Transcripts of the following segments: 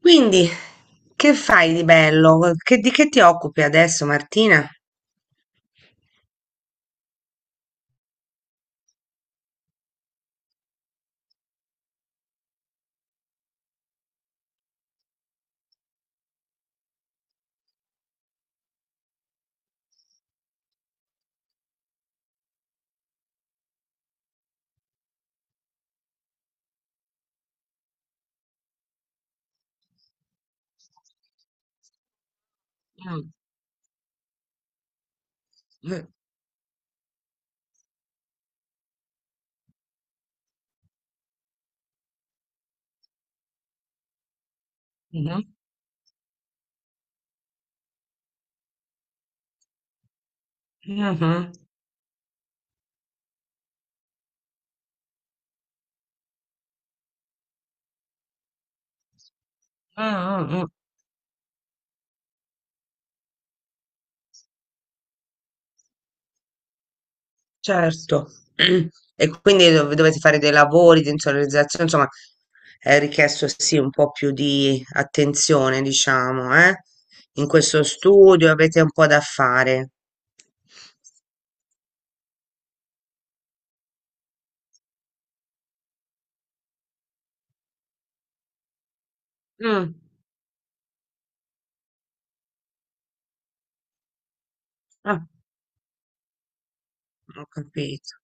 Quindi, che fai di bello? Di che ti occupi adesso, Martina? Mm. Eh. Mhm, mhm, mm, mm, mm. Certo. Mm. E quindi dovete fare dei lavori di insonorizzazione, insomma, è richiesto sì un po' più di attenzione, diciamo, eh? In questo studio avete un po' da fare. Mm, ah, ho capito.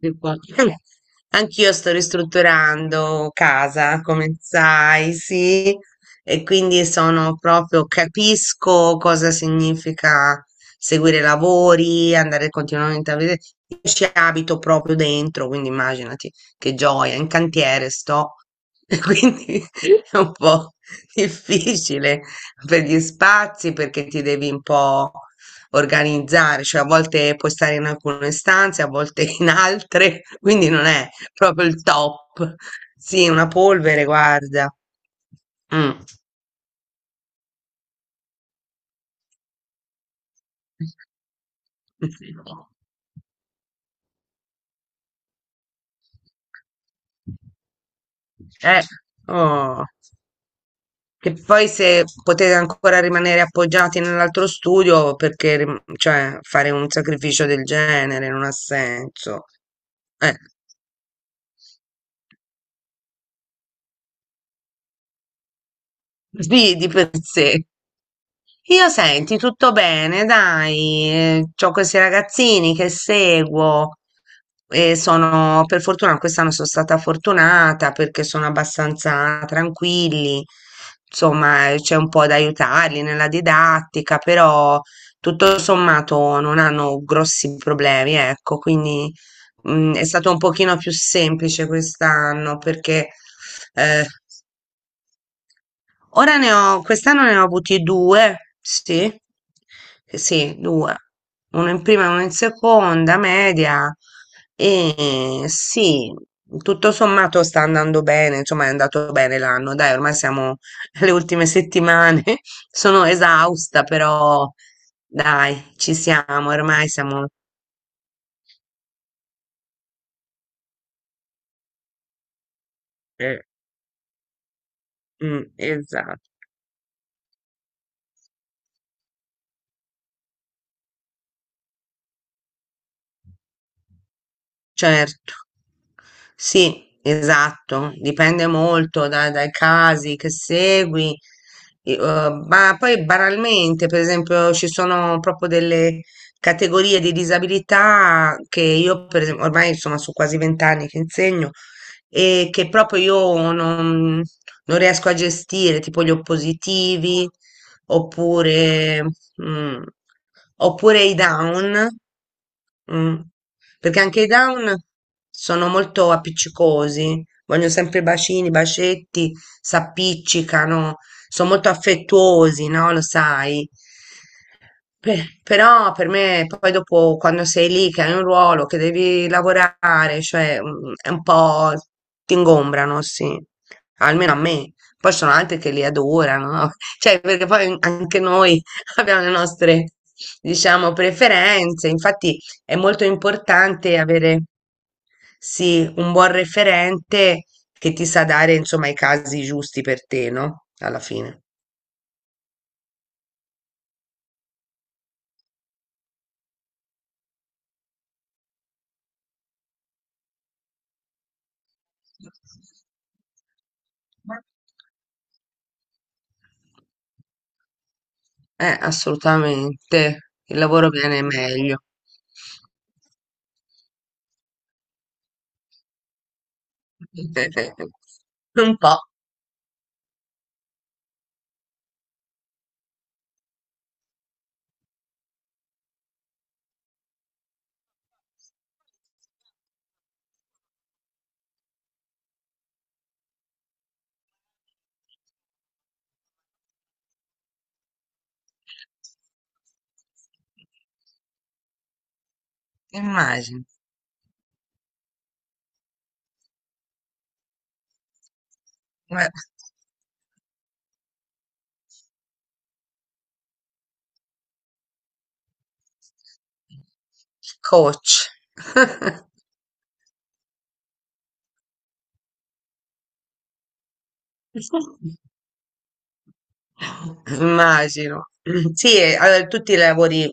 Di qua. Anch'io sto ristrutturando casa, come sai, sì, e quindi sono proprio, capisco cosa significa seguire i lavori, andare continuamente a vedere. Io ci abito proprio dentro, quindi immaginati che gioia, in cantiere sto, e quindi è un po' difficile per gli spazi perché ti devi un po' organizzare, cioè a volte puoi stare in alcune stanze, a volte in altre, quindi non è proprio il top. Sì, una polvere, guarda. Mm. Eh, oh. Che poi se potete ancora rimanere appoggiati nell'altro studio, perché cioè, fare un sacrificio del genere non ha senso. Eh, sì, di per sé. Io senti, tutto bene, dai, ho questi ragazzini che seguo e sono, per fortuna, quest'anno sono stata fortunata perché sono abbastanza tranquilli, insomma, c'è un po' da aiutarli nella didattica, però tutto sommato non hanno grossi problemi, ecco, quindi è stato un pochino più semplice quest'anno perché... eh, ora ne ho, quest'anno ne ho avuti due, sì, sì, due, uno in prima e uno in seconda, media, e sì, tutto sommato sta andando bene, insomma è andato bene l'anno, dai, ormai siamo alle ultime settimane, sono esausta, però dai, ci siamo, ormai siamo... eh, mm, esatto. Certo. Sì, esatto, dipende molto dai casi che segui, e, ma poi banalmente, per esempio, ci sono proprio delle categorie di disabilità che io, per esempio, ormai insomma sono quasi 20 anni che insegno e che proprio io non, non riesco a gestire, tipo gli oppositivi, oppure, mm, oppure i down, mm, perché anche i down sono molto appiccicosi, vogliono sempre bacini, bacetti, s'appiccicano, sono molto affettuosi, no? Lo sai. Però per me, poi dopo, quando sei lì, che hai un ruolo, che devi lavorare, cioè è un po' ti ingombrano, sì, almeno a me. Poi ci sono altri che li adorano, no? Cioè, perché poi anche noi abbiamo le nostre, diciamo, preferenze. Infatti è molto importante avere, sì, un buon referente che ti sa dare, insomma, i casi giusti per te, no? Alla fine. Ma- assolutamente. Il lavoro viene meglio. Un po', immagino. Beh, coach. Immagino. Sì, e, allora, tutti i lavori,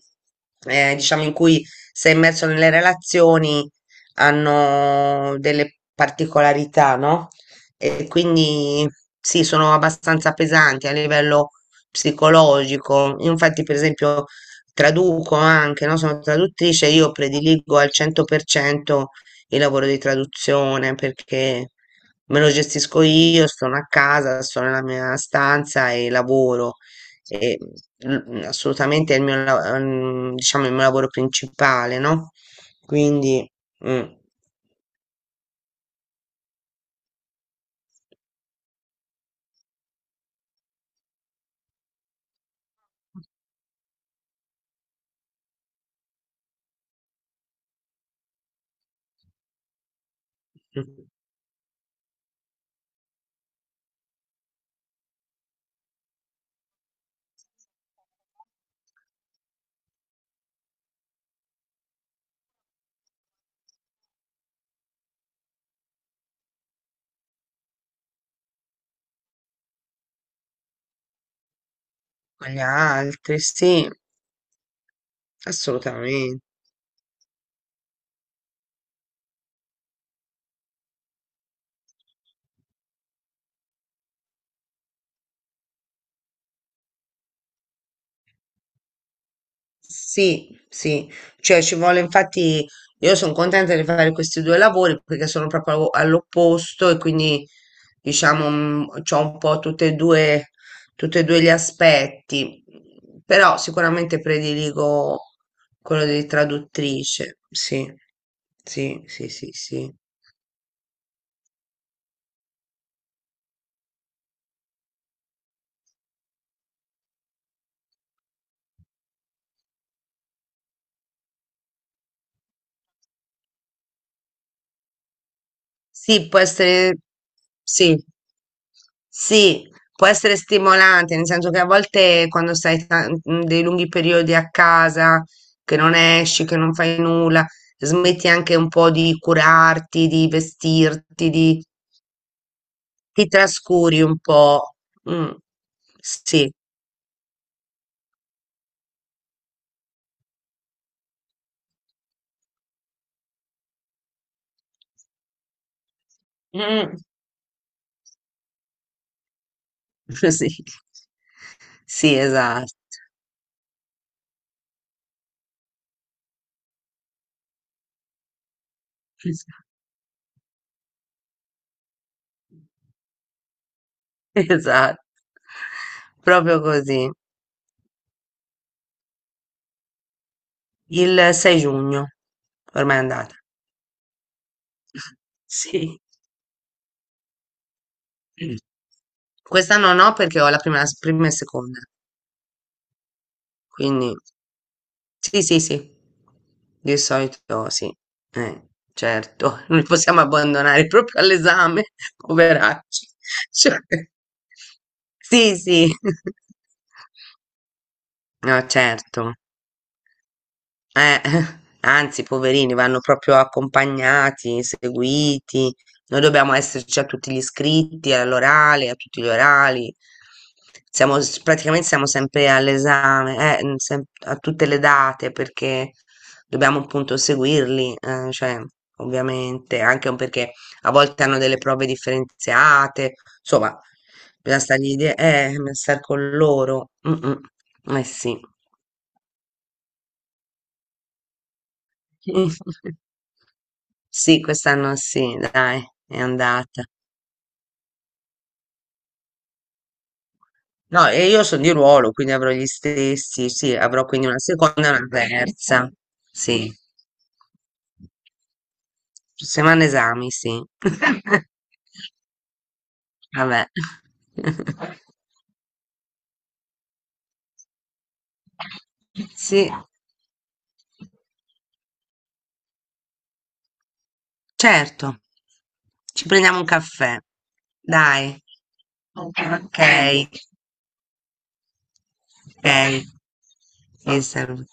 diciamo, in cui sei immerso nelle relazioni hanno delle particolarità, no? E quindi sì, sono abbastanza pesanti a livello psicologico. Infatti, per esempio, traduco anche, no? Sono traduttrice, io prediligo al 100% il lavoro di traduzione perché me lo gestisco io, sono a casa, sono nella mia stanza e lavoro. E, assolutamente è il mio, diciamo, il mio lavoro principale, no? Quindi, mm, con gli altri, sì, assolutamente. Sì, sì, cioè ci vuole infatti io sono contenta di fare questi due lavori perché sono proprio all'opposto e quindi diciamo ho un po' tutte e due, tutti e due gli aspetti, però sicuramente prediligo quello di traduttrice, sì, sì, sì, sì, sì. Sì, può essere, sì, sì, può essere stimolante, nel senso che a volte quando stai dei lunghi periodi a casa, che non esci, che non fai nulla, smetti anche un po' di curarti, di vestirti, di, ti trascuri un po'. Mm. Sì. Mm. Sì, sì, esatto, esatto, proprio così. Il 6 giugno, ormai è andata. Sì. Mm. Quest'anno no perché ho la prima e seconda, quindi sì, sì, sì, di solito sì, eh, certo, non li possiamo abbandonare proprio all'esame, poveracci. Cioè, sì, sì, no, certo. Eh, anzi, poverini, vanno proprio accompagnati, seguiti. Noi dobbiamo esserci a tutti gli iscritti, all'orale, a tutti gli orali. Siamo, praticamente siamo sempre all'esame, a tutte le date, perché dobbiamo appunto seguirli, cioè, ovviamente, anche perché a volte hanno delle prove differenziate, insomma, bisogna stargli, bisogna star con loro. Mm, mm. Eh sì. Sì, quest'anno sì, dai, è andata. No, e io sono di ruolo, quindi avrò gli stessi, sì, avrò quindi una seconda e una terza. Sì, settimana esami, sì. Vabbè. Sì, certo. Ci prendiamo un caffè. Dai. Ok, ok. Ti saluto.